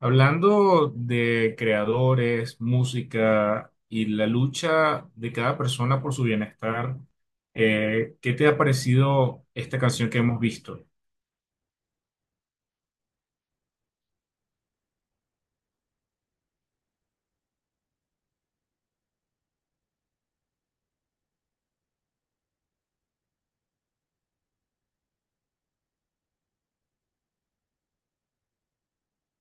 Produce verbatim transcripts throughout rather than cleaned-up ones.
Hablando de creadores, música y la lucha de cada persona por su bienestar, eh, ¿qué te ha parecido esta canción que hemos visto?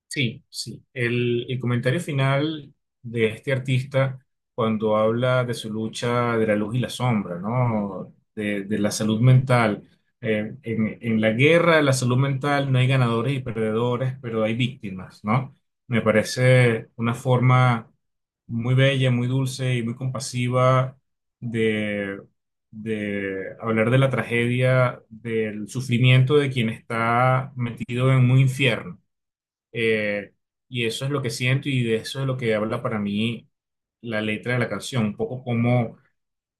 Sí, sí. El, el comentario final de este artista cuando habla de su lucha de la luz y la sombra, ¿no? De, de la salud mental. Eh, en, en la guerra de la salud mental no hay ganadores y perdedores, pero hay víctimas, ¿no? Me parece una forma muy bella, muy dulce y muy compasiva de, de hablar de la tragedia, del sufrimiento de quien está metido en un infierno. Eh, y eso es lo que siento y de eso es lo que habla para mí la letra de la canción, un poco como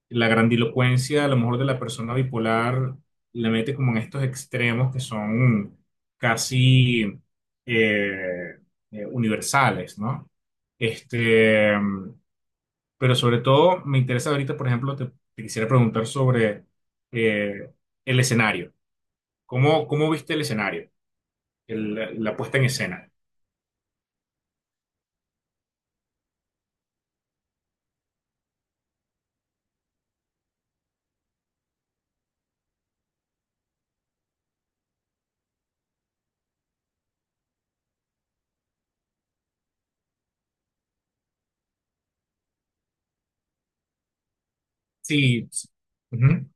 la grandilocuencia a lo mejor de la persona bipolar le mete como en estos extremos que son casi eh, eh, universales, ¿no? Este, pero sobre todo me interesa ahorita, por ejemplo, te, te quisiera preguntar sobre eh, el escenario. ¿Cómo, cómo viste el escenario? El- la puesta en escena. Sí, sí. Ujú.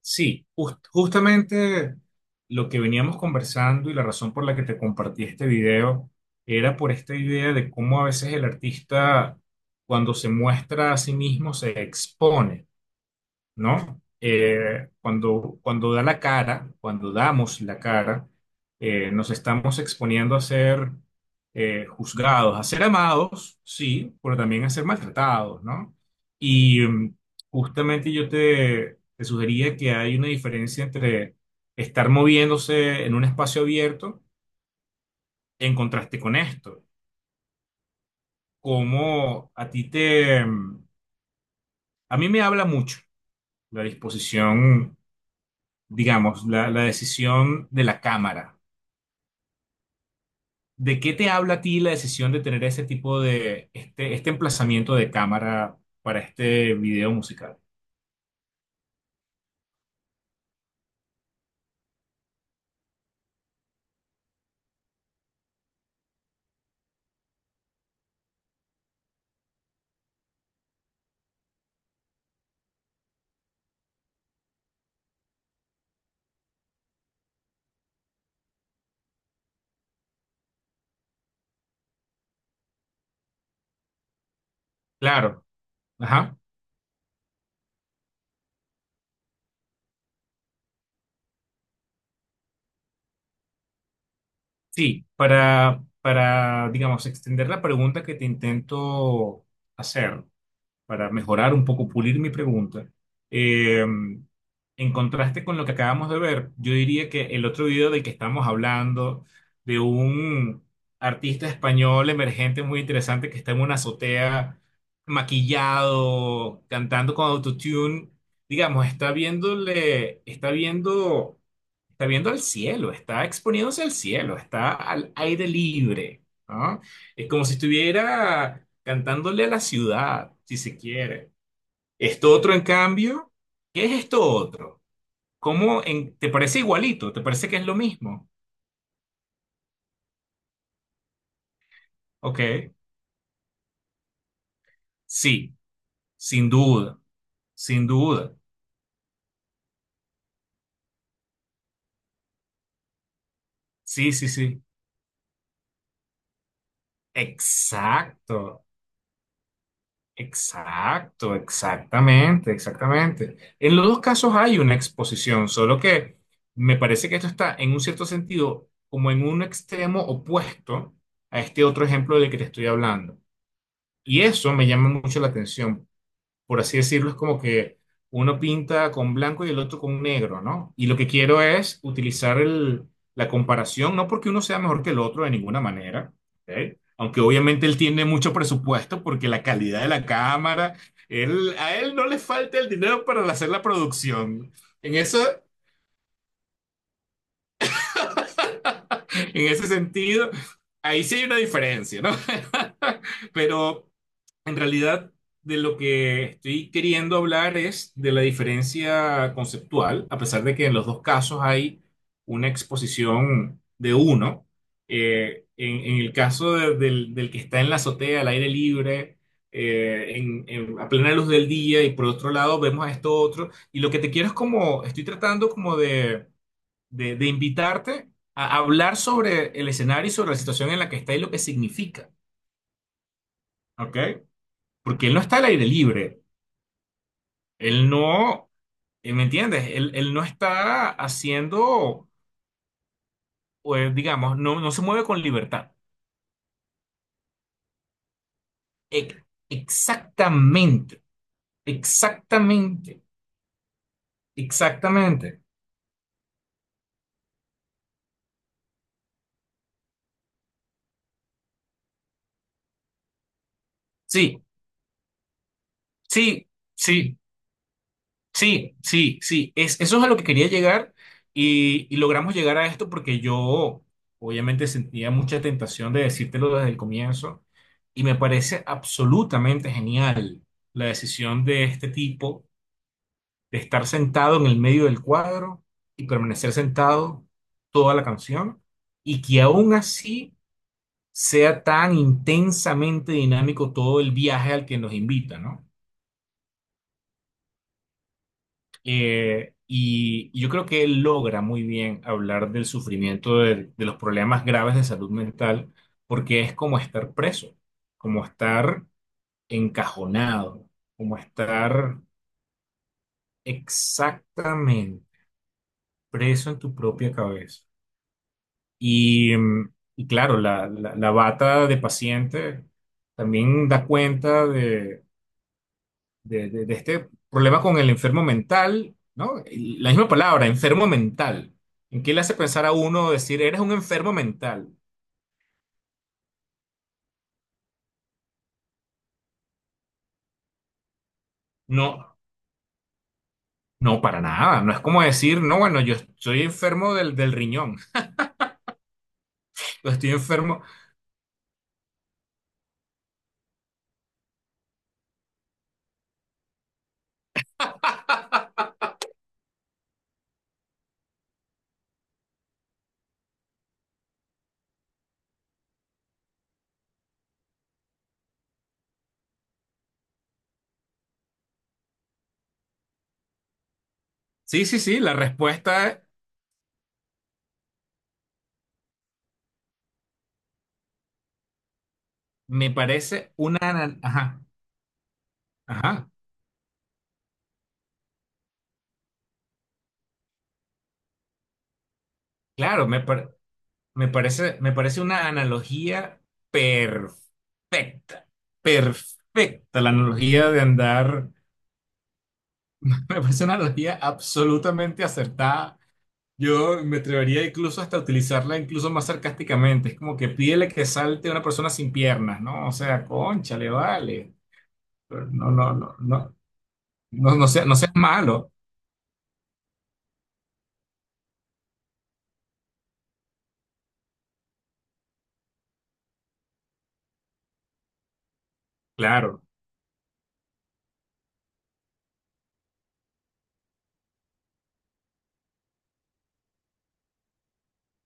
Sí, jus- justamente lo que veníamos conversando y la razón por la que te compartí este video era por esta idea de cómo a veces el artista, cuando se muestra a sí mismo, se expone. ¿No? Eh, cuando, cuando da la cara, cuando damos la cara, eh, nos estamos exponiendo a ser eh, juzgados, a ser amados, sí, pero también a ser maltratados, ¿no? Y mm, justamente yo te, te sugería que hay una diferencia entre estar moviéndose en un espacio abierto en contraste con esto. Como a ti te... mm, A mí me habla mucho la disposición. Digamos, la, la decisión de la cámara. ¿De qué te habla a ti la decisión de tener ese tipo de, este, este emplazamiento de cámara para este video musical? Claro, ajá. Sí, para, para, digamos, extender la pregunta que te intento hacer. Para mejorar un poco, pulir mi pregunta, eh, en contraste con lo que acabamos de ver, yo diría que el otro video del que estamos hablando, de un artista español emergente muy interesante que está en una azotea maquillado, cantando con autotune, digamos, está viéndole, está viendo está viendo al cielo, está exponiéndose al cielo, está al aire libre, ¿no? Es como si estuviera cantándole a la ciudad, si se quiere. Esto otro, en cambio, ¿qué es esto otro? ¿Cómo en- te parece igualito? ¿Te parece que es lo mismo? Ok, sí, sin duda, sin duda. Sí, sí, sí. Exacto. Exacto, exactamente, exactamente. En los dos casos hay una exposición, solo que me parece que esto está en un cierto sentido como en un extremo opuesto a este otro ejemplo del que te estoy hablando. Y eso me llama mucho la atención, por así decirlo, es como que uno pinta con blanco y el otro con negro, ¿no? Y lo que quiero es utilizar el- la comparación, no porque uno sea mejor que el otro de ninguna manera, ¿ok? Aunque obviamente él tiene mucho presupuesto porque la calidad de la cámara, él, a él no le falta el dinero para hacer la producción. En eso En ese sentido, ahí sí hay una diferencia, ¿no? Pero en realidad de lo que estoy queriendo hablar es de la diferencia conceptual, a pesar de que en los dos casos hay una exposición de uno. Eh, en, en el caso de- del, del que está en la azotea, al aire libre, eh, en- en- a plena luz del día, y por otro lado vemos a esto otro. Y lo que te quiero es como, estoy tratando como de de, de invitarte a hablar sobre el escenario y sobre la situación en la que está y lo que significa, ¿ok? Porque él no está al aire libre, él no, eh, ¿me entiendes? Él, él no está haciendo, pues, digamos, no, no se mueve con libertad. E- Exactamente, exactamente, exactamente. Sí, sí, sí. Sí, sí, sí. Es, eso es a lo que quería llegar y, y logramos llegar a esto porque yo obviamente sentía mucha tentación de decírtelo desde el comienzo y me parece absolutamente genial la decisión de este tipo de estar sentado en el medio del cuadro y permanecer sentado toda la canción y que aún así sea tan intensamente dinámico todo el viaje al que nos invita, ¿no? Eh, y y yo creo que él logra muy bien hablar del sufrimiento, de, de los problemas graves de salud mental, porque es como estar preso, como estar encajonado, como estar exactamente preso en tu propia cabeza. Y, mm, y claro, la, la, la bata de paciente también da cuenta de, de- de este problema con el enfermo mental, ¿no? Y la misma palabra, enfermo mental. ¿En qué le hace pensar a uno decir, eres un enfermo mental? No, no, para nada. No es como decir, no, bueno, yo estoy enfermo del, del riñón, o estoy enfermo. Sí, sí, sí, la respuesta me parece una... ana- Ajá, ajá, claro, me, par- me parece, me parece una analogía perfecta, perfecta la analogía de andar. Me parece una analogía absolutamente acertada. Yo me atrevería incluso hasta a utilizarla incluso más sarcásticamente. Es como que pídele que salte a una persona sin piernas, ¿no? O sea, concha, le vale. Pero no, no, no, no, no, no sea- no seas malo. Claro,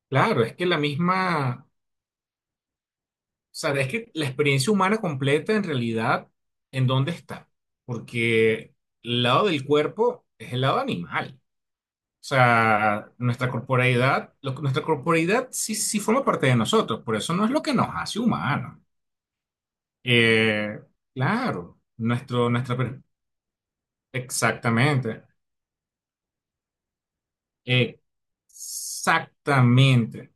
claro, es que la misma, o sea, es que la experiencia humana completa en realidad, ¿en dónde está? Porque el lado del cuerpo es el lado animal. O sea, nuestra corporeidad, lo- nuestra corporeidad sí, sí forma parte de nosotros, por eso no es lo que nos hace humanos. Eh, claro, nuestro, nuestra, per- exactamente, exactamente.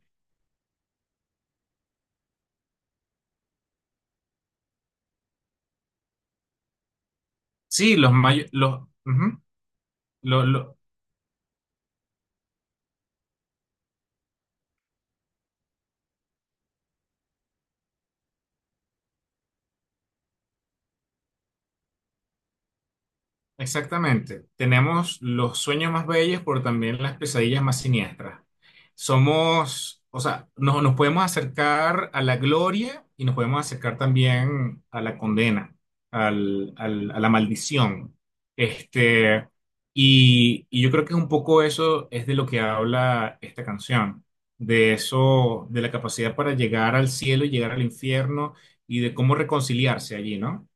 Sí, los mayores, los, ujú, lo- lo- Exactamente. Tenemos los sueños más bellos, pero también las pesadillas más siniestras. Somos, o sea, no- nos podemos acercar a la gloria y nos podemos acercar también a la condena, al- al- a la maldición. Este, y, y yo creo que un poco eso es de lo que habla esta canción, de eso, de la capacidad para llegar al cielo y llegar al infierno y de cómo reconciliarse allí, ¿no?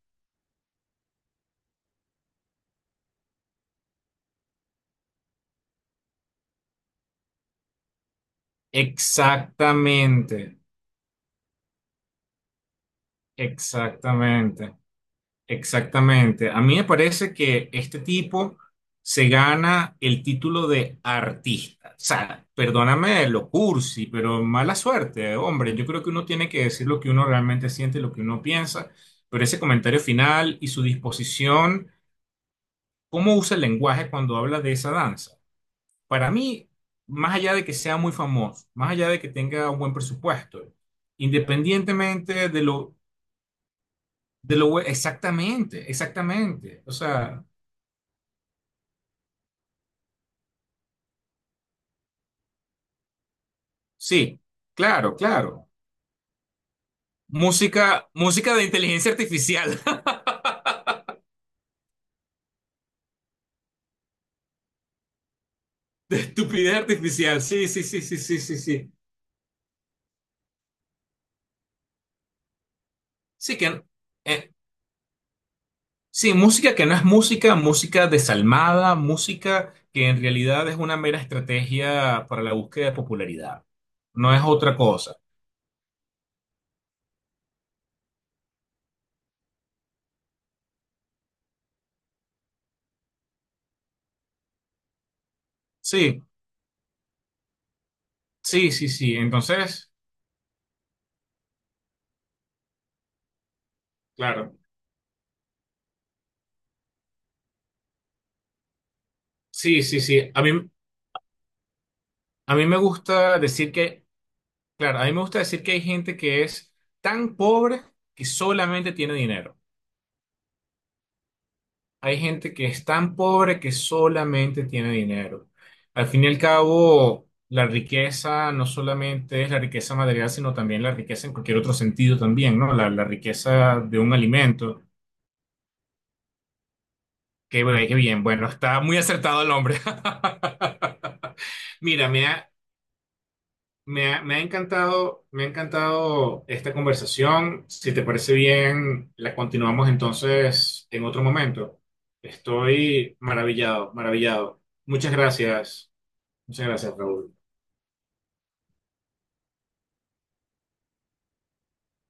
Exactamente. Exactamente, exactamente. A mí me parece que este tipo se gana el título de artista. O sea, perdóname lo cursi, pero mala suerte, eh, hombre. Yo creo que uno tiene que decir lo que uno realmente siente, lo que uno piensa, pero ese comentario final y su disposición, cómo usa el lenguaje cuando habla de esa danza. Para mí, más allá de que sea muy famoso, más allá de que tenga un buen presupuesto, independientemente de lo... De lo bue- exactamente, exactamente. O sea, sí, claro, claro. Música, música de inteligencia artificial, de estupidez artificial. Sí, sí, sí, sí, sí, sí, sí. Sí, que, eh, sí, música que no es música, música desalmada, música que en realidad es una mera estrategia para la búsqueda de popularidad. No es otra cosa. Sí, sí, sí, sí. Entonces, claro. Sí, sí, sí. A mí, a mí me gusta decir que claro, a mí me gusta decir que hay gente que es tan pobre que solamente tiene dinero. Hay gente que es tan pobre que solamente tiene dinero. Al fin y al cabo, la riqueza no solamente es la riqueza material, sino también la riqueza en cualquier otro sentido también, ¿no? La, la riqueza de un alimento. Qué, bueno, qué bien, bueno, está muy acertado el hombre. Mira, me ha- Me ha, me ha encantado, me ha encantado esta conversación. Si te parece bien, la continuamos entonces en otro momento. Estoy maravillado, maravillado. Muchas gracias. Muchas gracias, Raúl.